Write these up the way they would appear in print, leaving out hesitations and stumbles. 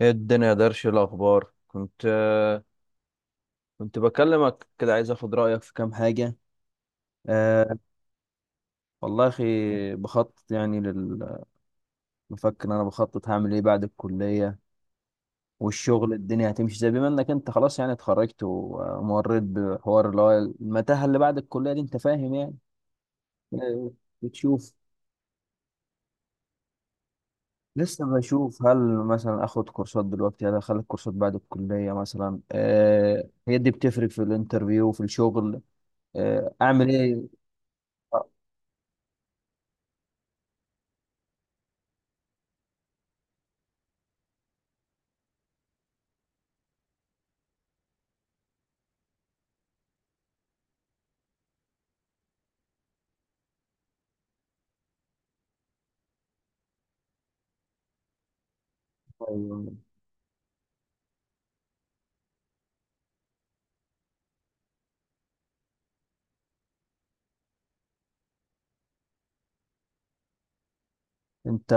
ايه الدنيا يا درش؟ إيه الاخبار؟ كنت بكلمك كده، عايز اخد رايك في كام حاجه. أه، والله يا اخي، بخطط يعني بفكر إن انا بخطط هعمل ايه بعد الكليه والشغل. الدنيا هتمشي، زي بما انك انت خلاص يعني اتخرجت ومريت بحوار اللي هو المتاهه اللي بعد الكليه دي، انت فاهم يعني. آه، بتشوف لسه بشوف، هل مثلا اخد كورسات دلوقتي، هل اخلي كورسات بعد الكليه؟ مثلا هي دي بتفرق في الانترفيو وفي الشغل. اعمل ايه؟ أيوة. انت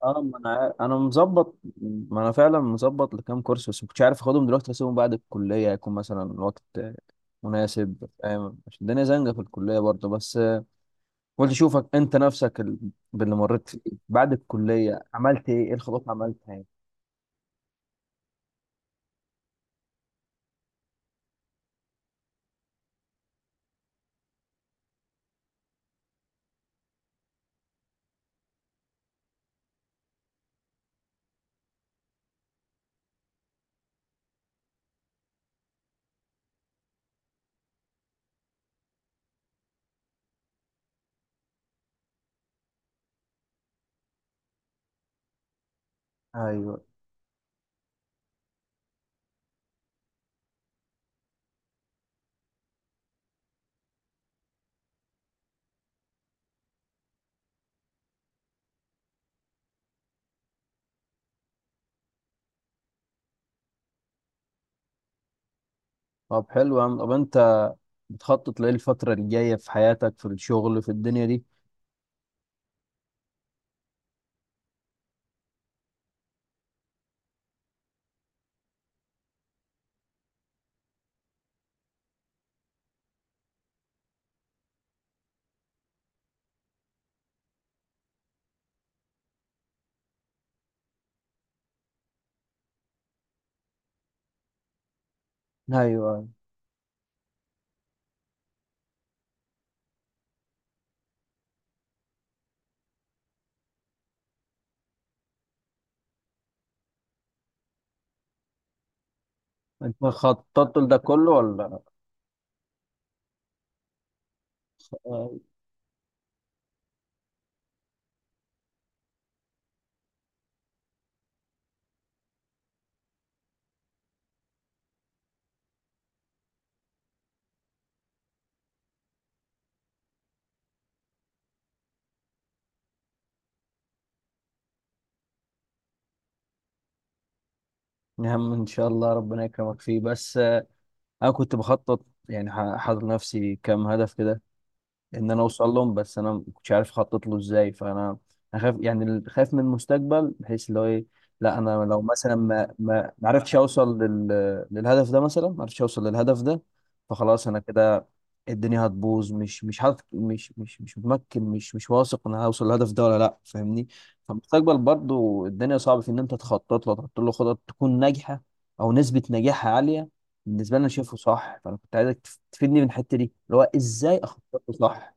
اه ما انا انا مظبط، ما انا فعلا مظبط لكام كورس، بس ما كنتش عارف اخدهم دلوقتي اسيبهم بعد الكليه، هيكون مثلا وقت مناسب، فاهم؟ عشان الدنيا زنقه في الكليه برضه. بس قلت اشوفك انت نفسك باللي مريت فيه، بعد الكليه عملت ايه، ايه الخطوات اللي عملتها يعني؟ ايوه. طب حلو يا عم، طب انت بتخطط لايه الفتره الجايه في حياتك، في الشغل، في الدنيا دي؟ ايوه. انت خططت لده كله ولا؟ آه، يا عم ان شاء الله ربنا يكرمك فيه. بس انا كنت بخطط يعني حاطط لنفسي كام هدف كده، ان انا اوصل لهم، بس انا ما كنتش عارف اخطط له ازاي، فانا خايف يعني خايف من المستقبل، بحيث اللي هو ايه، لا انا لو مثلا ما عرفتش اوصل للهدف ده، مثلا ما عرفتش اوصل للهدف ده، فخلاص انا كده الدنيا هتبوظ، مش حاطط، مش متمكن، مش واثق ان انا هوصل للهدف ده، ولا لا، فاهمني؟ فالمستقبل برضو الدنيا صعب في ان انت تخطط له، تحط له خطط تكون ناجحه او نسبه نجاحها عاليه. بالنسبه لي انا شايفه صح، فانا كنت عايزك تفيدني من الحته دي اللي هو ازاي اخطط له صح.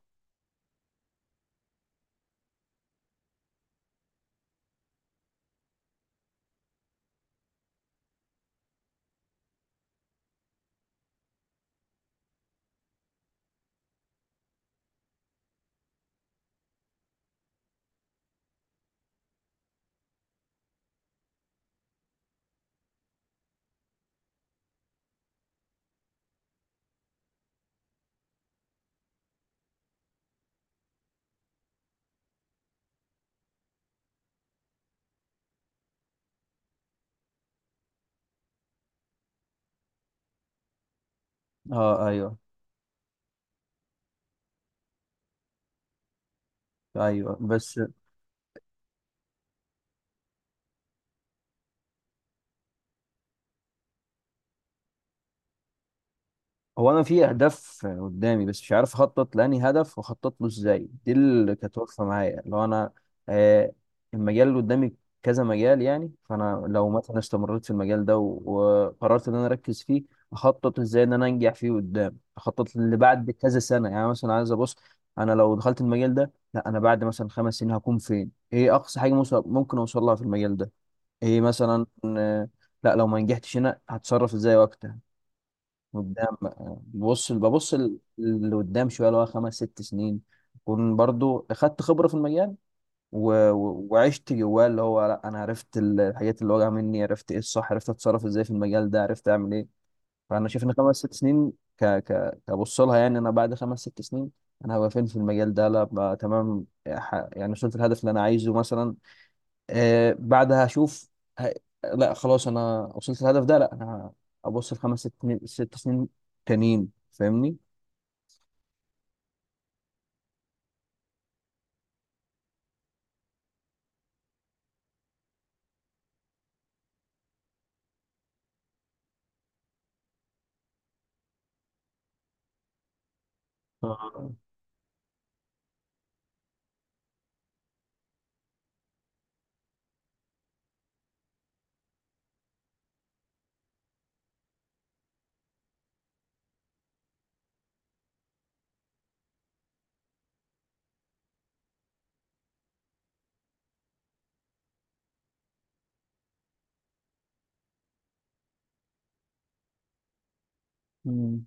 اه، ايوه ايوه، بس هو انا في اهداف قدامي بس مش عارف اخطط لاني هدف واخطط له ازاي، دي اللي كانت واقفه معايا. لو انا آه المجال اللي قدامي كذا مجال يعني، فانا لو مثلا استمريت في المجال ده وقررت ان انا اركز فيه، اخطط ازاي ان انا انجح فيه قدام؟ اخطط اللي بعد كذا سنه، يعني مثلا عايز ابص، انا لو دخلت المجال ده، لا انا بعد مثلا 5 سنين هكون فين، ايه اقصى حاجه ممكن اوصل لها في المجال ده، ايه مثلا؟ لا لو ما نجحتش هنا هتصرف ازاي وقتها؟ قدام ببص لقدام شويه، اللي هو 5 6 سنين اكون برضو اخدت خبره في المجال، وعشت جواه، اللي هو لا انا عرفت الحاجات اللي واجهه مني، عرفت ايه الصح، عرفت اتصرف ازاي في المجال ده، عرفت اعمل ايه. فانا شايف ان 5 6 سنين ك ك كبص لها، يعني انا بعد 5 6 سنين انا هبقى فين في المجال ده؟ لا بقى تمام يعني وصلت الهدف اللي انا عايزه مثلا، بعدها هشوف ه... لا خلاص انا وصلت الهدف ده. لا انا ابص ل5 6 سنين 6 سنين تانيين، فاهمني؟ آه. مم.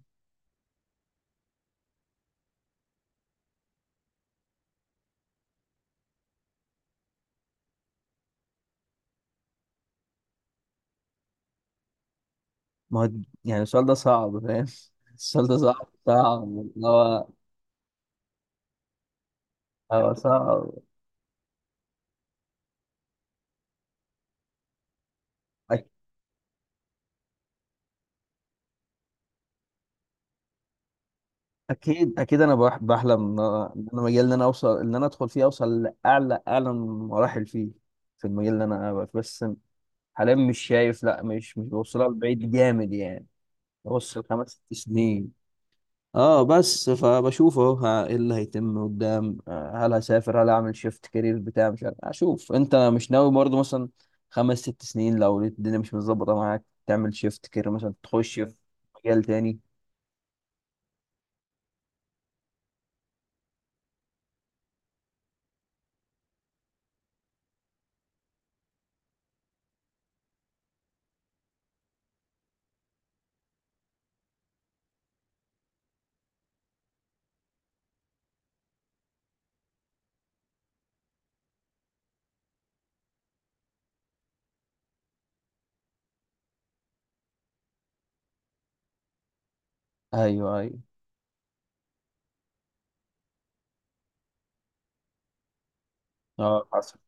ما هو يعني السؤال ده صعب، فاهم؟ السؤال ده صعب صعب، اللي هو صعب. أك- اكيد اكيد انا بحلم ان أنا المجال اللي انا اوصل ان انا ادخل فيه، اوصل لاعلى مراحل فيه، في المجال اللي انا أبقى فيه. بس حاليا مش شايف، لا مش بوصلها لبعيد جامد يعني، بوصل 5 6 سنين. اه، بس فبشوف اهو ايه اللي هيتم قدام؟ هل هسافر، هل اعمل شيفت كارير بتاع؟ مش عارف، اشوف. انت مش ناوي برضه مثلا 5 6 سنين، لو لقيت الدنيا مش متظبطه معاك تعمل شيفت كارير، مثلا تخش في مجال تاني؟ ايوه ايوه. اه حصل.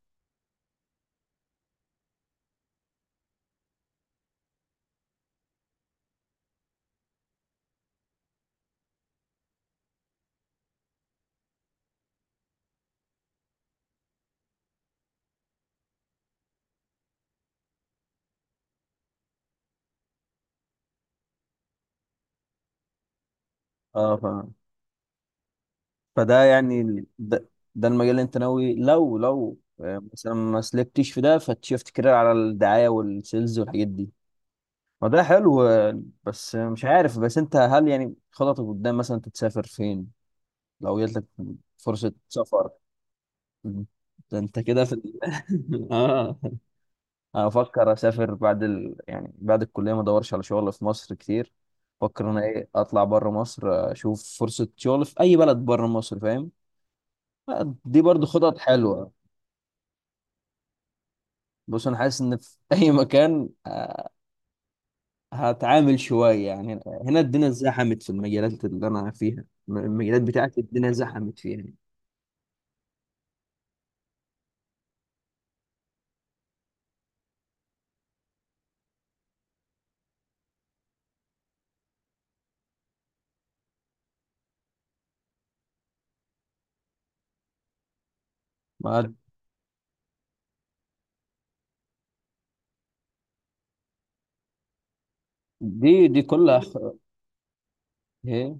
اه فاهم، فده يعني ده المجال اللي انت ناوي، لو مثلا ما سلكتش في ده، فتشيفت كارير على الدعايه والسيلز والحاجات دي. ما ده حلو بس مش عارف. بس انت هل يعني خططك قدام مثلا تسافر فين لو جاتلك فرصة سفر؟ مم. ده انت كده اه، افكر اسافر بعد يعني بعد الكلية ما ادورش على شغل في مصر كتير. افكر انا ايه اطلع بره مصر، اشوف فرصة شغل في اي بلد بره مصر، فاهم؟ دي برضو خطط حلوة. بص انا حاسس ان في اي مكان هتعامل شوية، يعني هنا الدنيا زحمت في المجالات اللي انا فيها، المجالات بتاعتي الدنيا زحمت فيها، يعني؟ ما دي كلها ايه،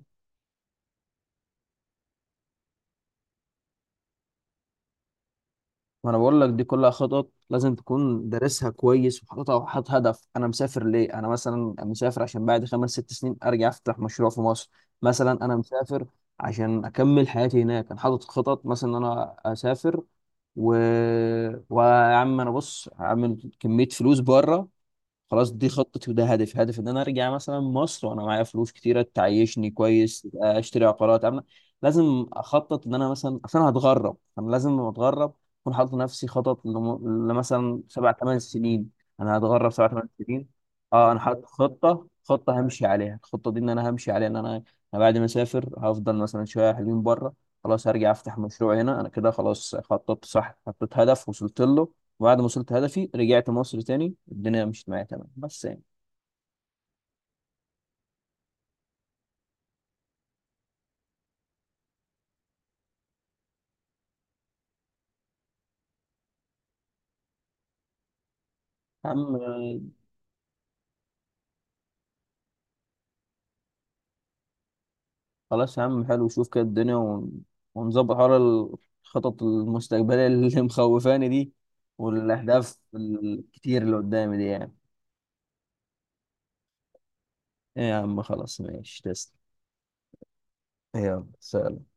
ما انا بقول لك دي كلها خطط لازم تكون دارسها كويس، وحاططها، وحاطط هدف. انا مسافر ليه؟ انا مثلا مسافر عشان بعد 5 6 سنين ارجع افتح مشروع في مصر، مثلا. انا مسافر عشان اكمل حياتي هناك، انا حاطط خطط مثلا ان انا اسافر، و... ويا عم، انا بص هعمل كمية فلوس بره، خلاص دي خطتي وده هدفي. هدف ان انا ارجع مثلا مصر وانا معايا فلوس كتيره تعيشني كويس، اشتري عقارات. انا لازم اخطط ان انا مثلا عشان أنا هتغرب، انا لازم لما اتغرب اكون حاطط لنفسي خطط لمثلا 7 8 سنين، انا هتغرب 7 8 سنين، اه. انا حاطط خطه همشي عليها الخطه دي، ان انا همشي عليها، ان انا بعد ما اسافر هفضل مثلا شويه حلوين بره، خلاص هرجع افتح مشروع هنا. انا كده خلاص خططت صح، حطيت هدف وصلت له، بعد ما وصلت هدفي رجعت مصر تاني الدنيا مشيت معايا تمام. بس يعني، يا عم. خلاص يا عم، حلو، شوف كده الدنيا ونظبط حوار الخطط المستقبلية اللي مخوفاني دي، والأهداف الكتير اللي قدامي دي يعني. إيه يا عم، خلاص ماشي، تسلم. يلا سلام.